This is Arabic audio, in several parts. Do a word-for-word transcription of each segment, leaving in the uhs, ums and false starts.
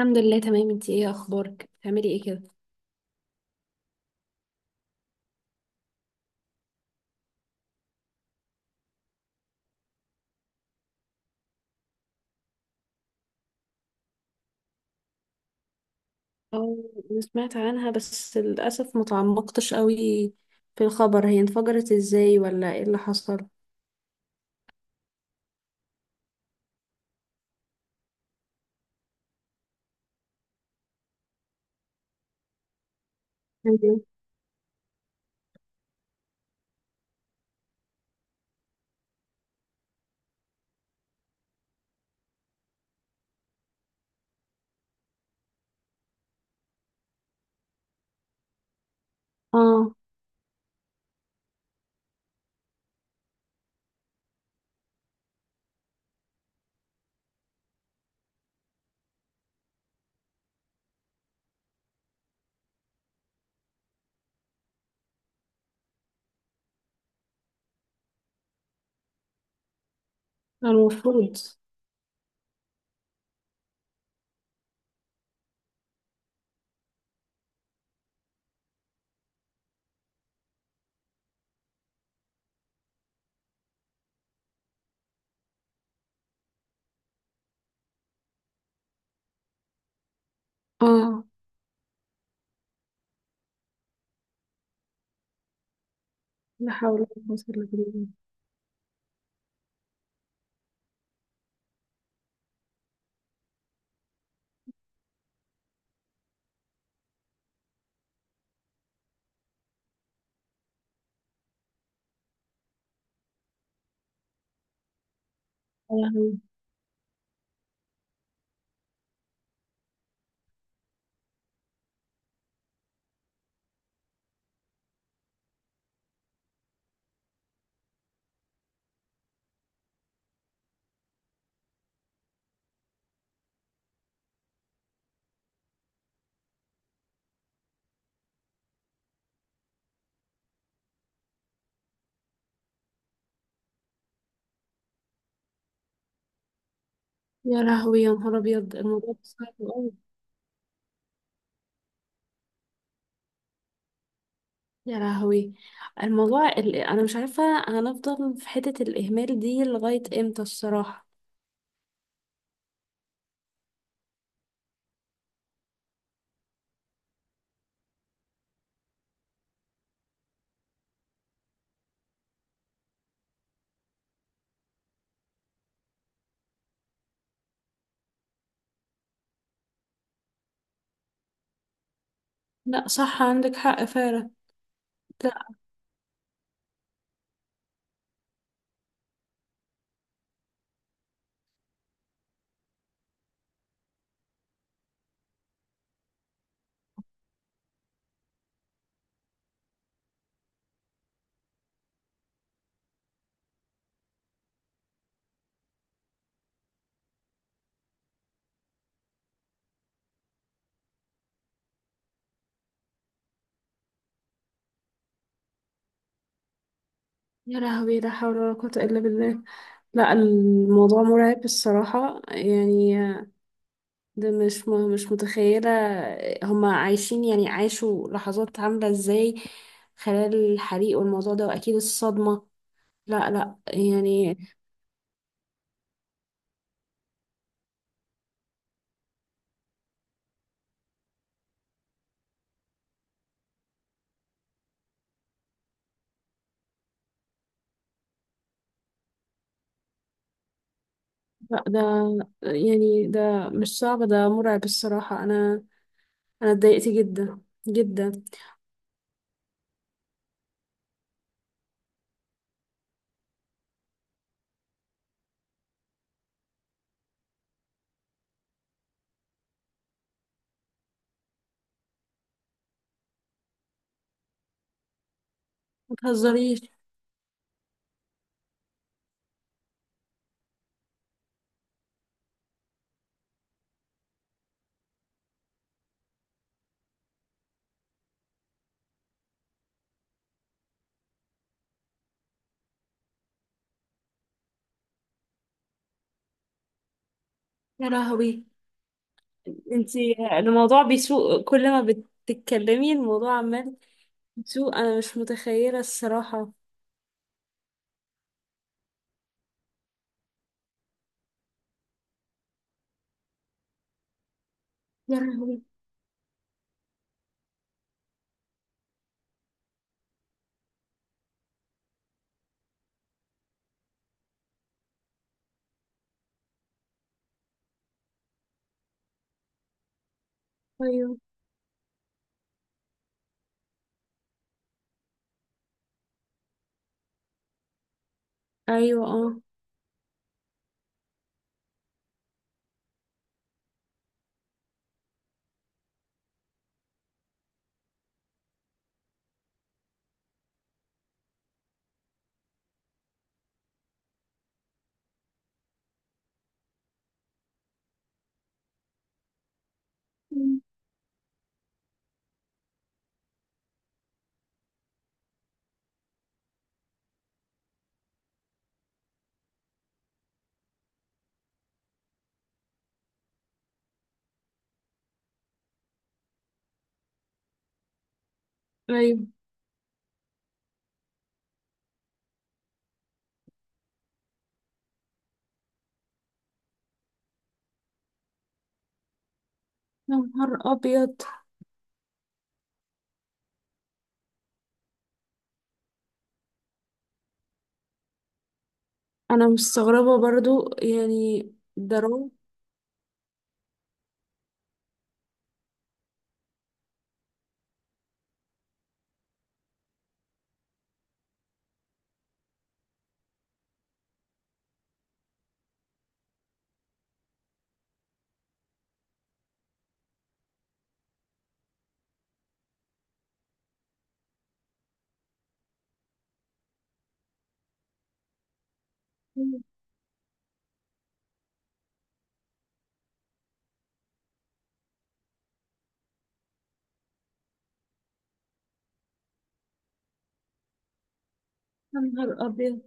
الحمد لله، تمام. انتي ايه اخبارك؟ بتعملي ايه كده؟ اه. أنا سمعت عنها بس للأسف ما تعمقتش قوي في الخبر. هي انفجرت ازاي ولا ايه اللي حصل؟ تمام. اه. المفروض. اه. لا حول ولا قوة إلا بالله. يا لهوي. يا لهوي، يا نهار ابيض، الموضوع ده صعب قوي. يا لهوي. الموضوع اللي انا مش عارفه، هنفضل في حته الاهمال دي لغايه امتى الصراحه؟ لا صح، عندك حق فعلا. يا لهوي، لا حول ولا قوة إلا بالله. لا، الموضوع مرعب الصراحة يعني. ده مش م- مش متخيلة. هما عايشين، يعني عاشوا لحظات عاملة ازاي خلال الحريق والموضوع ده، وأكيد الصدمة. لا لا يعني. لا، ده يعني ده مش صعب، ده مرعب الصراحة. أنا أنا اتضايقت جدا جدا. متهزريش. يا لهوي. انتي الموضوع بيسوء كل ما بتتكلمي، الموضوع عمال سوق. انا مش متخيله الصراحه. يا لهوي. ايوه، ايوه، اه. مم. ايوه. يا نهار ابيض. انا مستغربه برضو يعني. ده رعب. مم. يا نهار ابيض.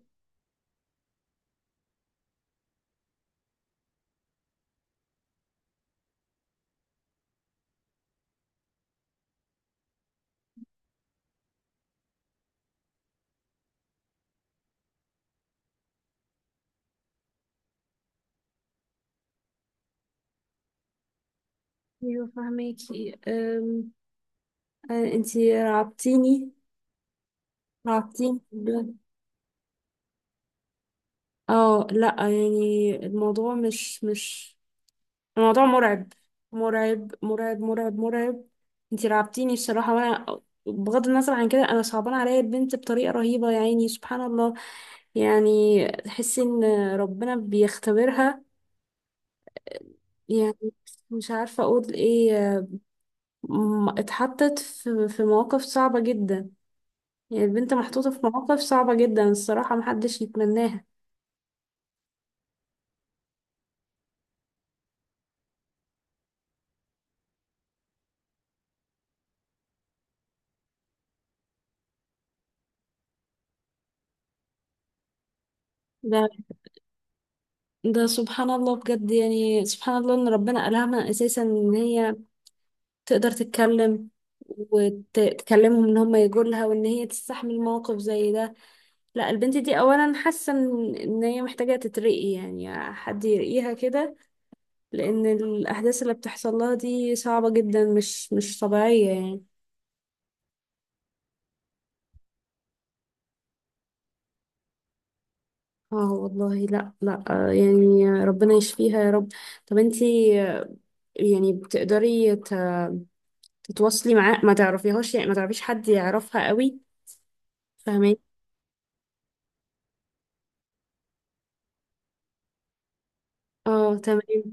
ايوه فهميكي. أم... آه، انتي رعبتيني. رعبتيني بجد. اه، لا يعني الموضوع مش مش، الموضوع مرعب، مرعب، مرعب، مرعب، مرعب. انتي رعبتيني الصراحة. وانا بغض النظر عن كده، انا صعبان عليا البنت بطريقة رهيبة يعني، سبحان الله. يعني تحسي ان ربنا بيختبرها. يعني مش عارفة اقول ايه. م- اتحطت في في مواقف صعبة جدا. يعني البنت محطوطة في مواقف صعبة جدا الصراحة، محدش يتمناها. ده ده سبحان الله بجد، يعني سبحان الله ان ربنا ألهمها اساسا ان هي تقدر تتكلم وتكلمهم ان هم يجوا لها، وان هي تستحمل موقف زي ده. لا، البنت دي اولا حاسه ان إن هي محتاجه تترقي، يعني حد يرقيها كده، لان الاحداث اللي بتحصل لها دي صعبه جدا، مش مش طبيعيه يعني. اه والله، لا لا، آه، يعني ربنا يشفيها يا رب. طب انتي، آه، يعني بتقدري ت- تتواصلي معاه؟ ما تعرفيهاش؟ يعني ما تعرفيش حد يعرفها قوي؟ فاهمين. اه، تمام.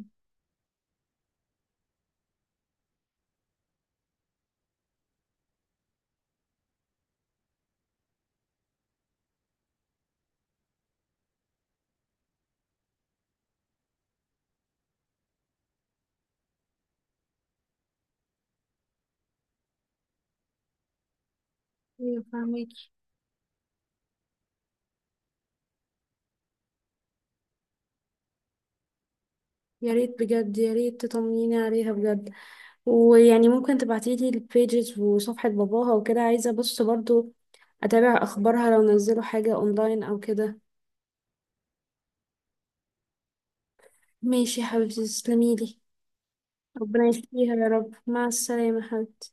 ايوه فاهمين. يا ريت بجد، يا ريت تطمنيني عليها بجد. ويعني ممكن تبعتيلي البيجز وصفحة باباها وكده؟ عايزة بص برضو أتابع أخبارها لو نزلوا حاجة أونلاين أو كده. ماشي يا حبيبتي، تسلميلي. ربنا يشفيها يا رب، مع السلامة حبيبتي.